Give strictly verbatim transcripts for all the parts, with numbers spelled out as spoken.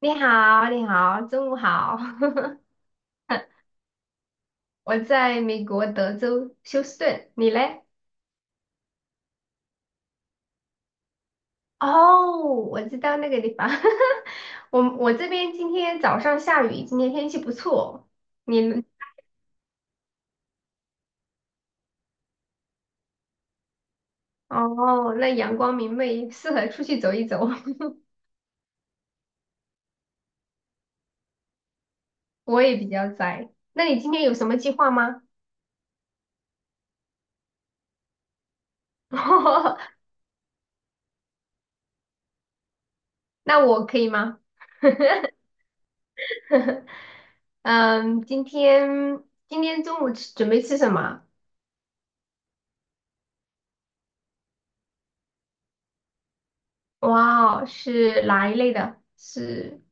你好，你好，中午好。我在美国德州休斯顿，你嘞？哦，我知道那个地方。我我这边今天早上下雨，今天天气不错。你呢？哦，那阳光明媚，适合出去走一走。我也比较宅。那你今天有什么计划吗？那我可以吗？嗯，今天今天中午吃准备吃什么？哇哦，是哪一类的？是。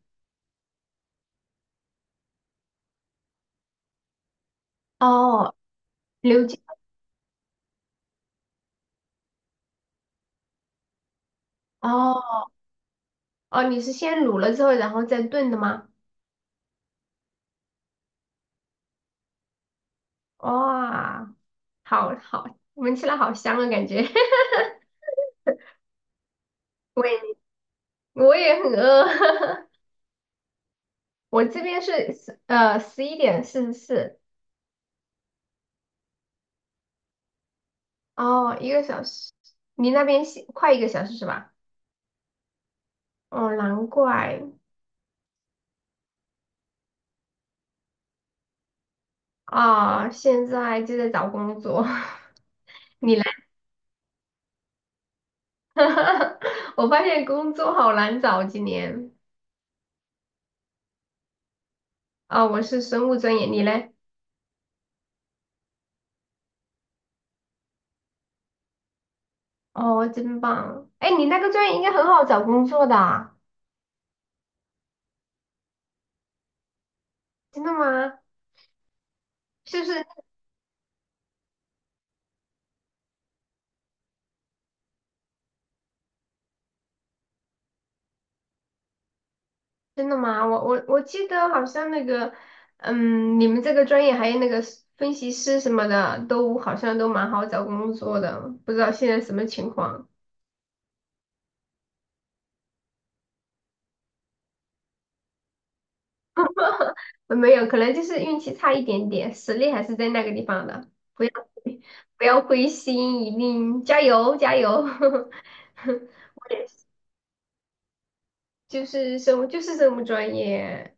哦，刘姐，哦哦，你是先卤了之后，然后再炖的吗？哇，好好，闻起来好香啊，感觉。我也我也很饿，我这边是十呃十一点四十四，哦，一个小时，你那边是快一个小时是吧？哦，难怪。啊，现在就在找工作，你来，我发现工作好难找今年。啊，我是生物专业，你呢？哦，真棒！哎，你那个专业应该很好找工作的啊。真的吗？是不是真的吗？我我我记得好像那个，嗯，你们这个专业还有那个 s- 分析师什么的，都好像都蛮好找工作的，不知道现在什么情况？呃没有，可能就是运气差一点点，实力还是在那个地方的，不要不要灰心，一定加油加油！就是什么就是什么专业。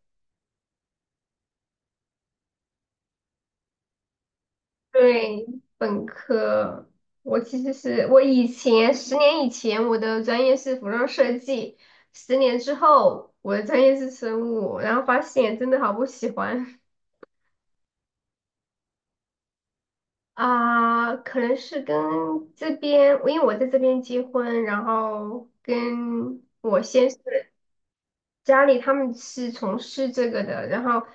对，本科，我其实是我以前十年以前我的专业是服装设计，十年之后我的专业是生物，然后发现真的好不喜欢。啊，可能是跟这边，因为我在这边结婚，然后跟我先生。家里他们是从事这个的，然后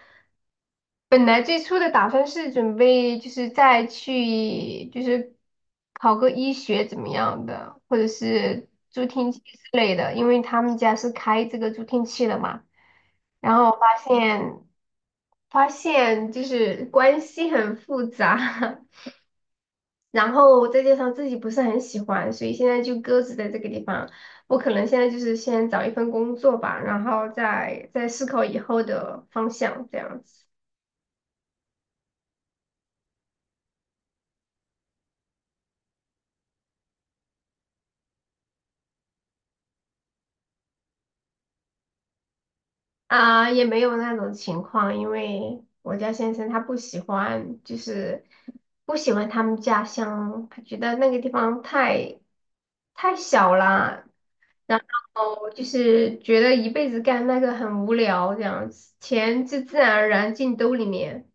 本来最初的打算是准备就是再去就是考个医学怎么样的，或者是助听器之类的，因为他们家是开这个助听器的嘛。然后发现发现就是关系很复杂，然后再加上自己不是很喜欢，所以现在就搁置在这个地方。我可能现在就是先找一份工作吧，然后再再思考以后的方向这样子。啊，也没有那种情况，因为我家先生他不喜欢，就是不喜欢他们家乡，他觉得那个地方太太小了，然后就是觉得一辈子干那个很无聊这样子，钱就自然而然进兜里面。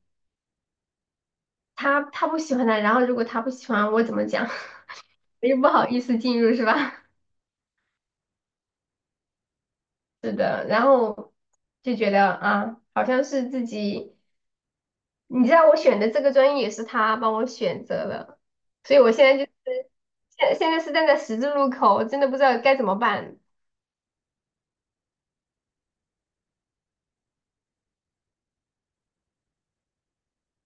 他他不喜欢的，然后如果他不喜欢我怎么讲，我又不好意思进入是吧？是的，然后就觉得啊，好像是自己，你知道我选的这个专业也是他帮我选择的，所以我现在就是现现在是站在十字路口，我真的不知道该怎么办。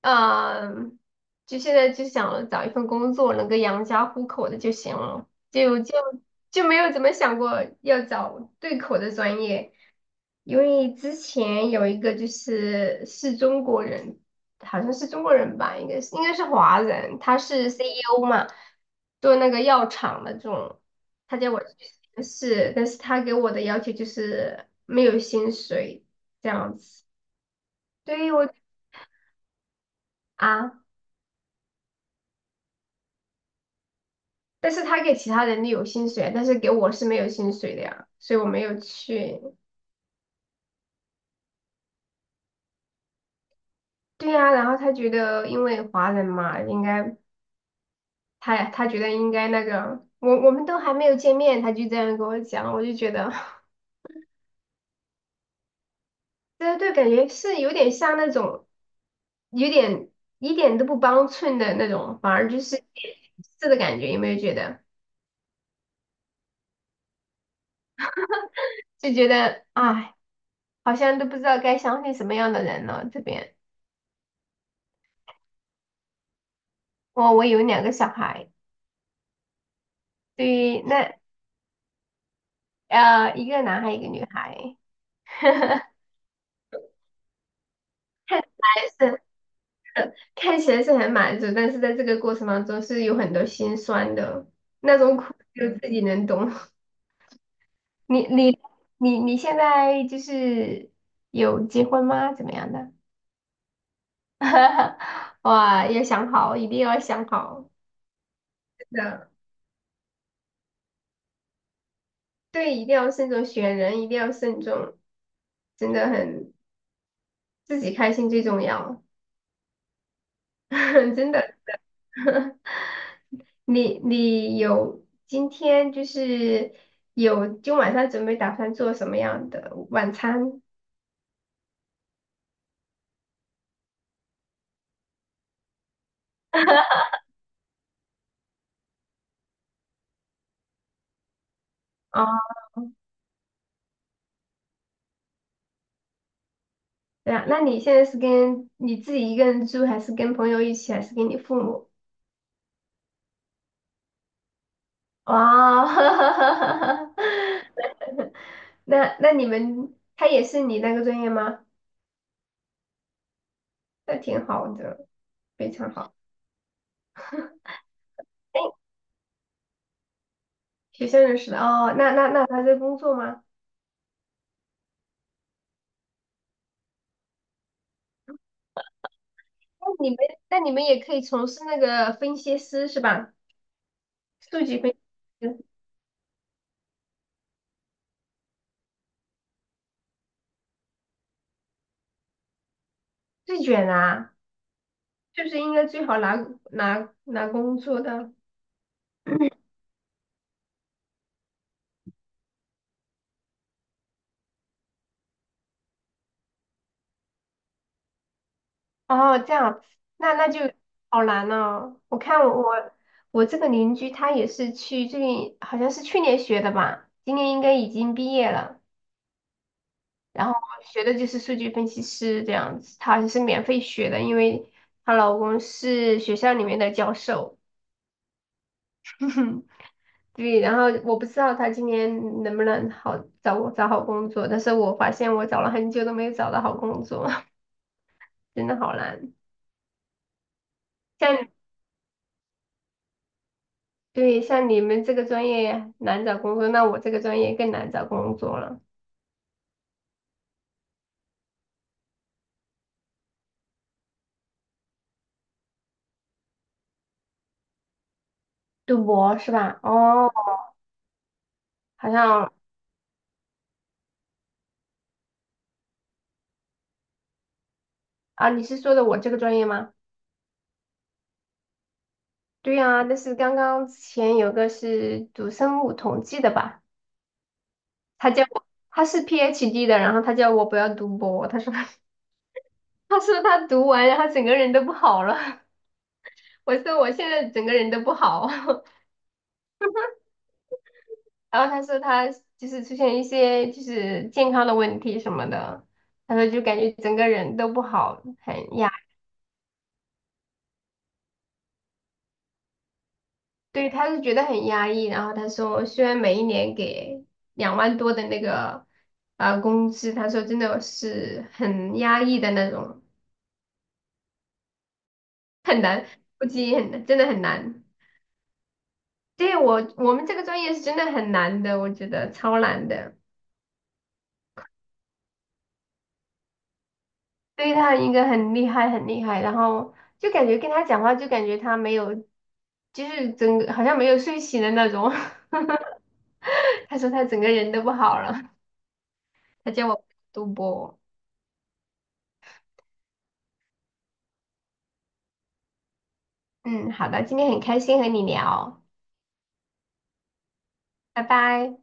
嗯，就现在就想找一份工作能够养家糊口的就行了，就就就没有怎么想过要找对口的专业。因为之前有一个就是是中国人，好像是中国人吧，应该是应该是华人，他是 C E O 嘛，做那个药厂的这种，他叫我去面试，但是他给我的要求就是没有薪水这样子，对我。啊，但是他给其他人的有薪水，但是给我是没有薪水的呀，所以我没有去。对呀，然后他觉得因为华人嘛，应该他他觉得应该那个，我我们都还没有见面，他就这样跟我讲，我就觉得，对对，感觉是有点像那种，有点一点都不帮衬的那种，反而就是是的感觉，有没有觉得？就觉得，哎，好像都不知道该相信什么样的人了。这边，我我有两个小孩，对于那。呃一个男孩一个女孩，看起来是。看起来是很满足，但是在这个过程当中是有很多心酸的，那种苦只有自己能懂。你你你你现在就是有结婚吗？怎么样的？哇，要想好，一定要想好，真的，对，一定要慎重选人，一定要慎重，真的很，自己开心最重要，真的。你你有今天就是有今晚上准备打算做什么样的晚餐？哦，对啊，那你现在是跟你自己一个人住，还是跟朋友一起，还是跟你父母？哦，那那你们他也是你那个专业吗？那挺好的，非常好。哎，学校认识的哦，那那那他在工作吗？那你们那你们也可以从事那个分析师是吧？数据分析师最卷啊，就是应该最好拿拿拿工作的。哦，这样，那那就好难哦。我看我我这个邻居，他也是去最近好像是去年学的吧，今年应该已经毕业了。然后学的就是数据分析师这样子，她好像是免费学的，因为她老公是学校里面的教授。对，然后我不知道她今年能不能好找找好工作，但是我发现我找了很久都没有找到好工作，真的好难。像。你。对，像你们这个专业难找工作，那我这个专业更难找工作了。读博是吧？哦，好像。啊，你是说的我这个专业吗？对呀，但是刚刚之前有个是读生物统计的吧，他叫我，他是 P H D 的，然后他叫我不要读博，他说 他说他读完，然后整个人都不好了。我说我现在整个人都不好。然后他说他就是出现一些就是健康的问题什么的，他说就感觉整个人都不好，很压，对，他是觉得很压抑。然后他说，虽然每一年给两万多的那个呃工资，他说真的是很压抑的那种，估计很真的很难。对我我们这个专业是真的很难的，我觉得超难的。对他应该很厉害，很厉害。然后就感觉跟他讲话，就感觉他没有，就是整个好像没有睡醒的那种。他说他整个人都不好了，他叫我赌博。嗯，好的，今天很开心和你聊，拜拜。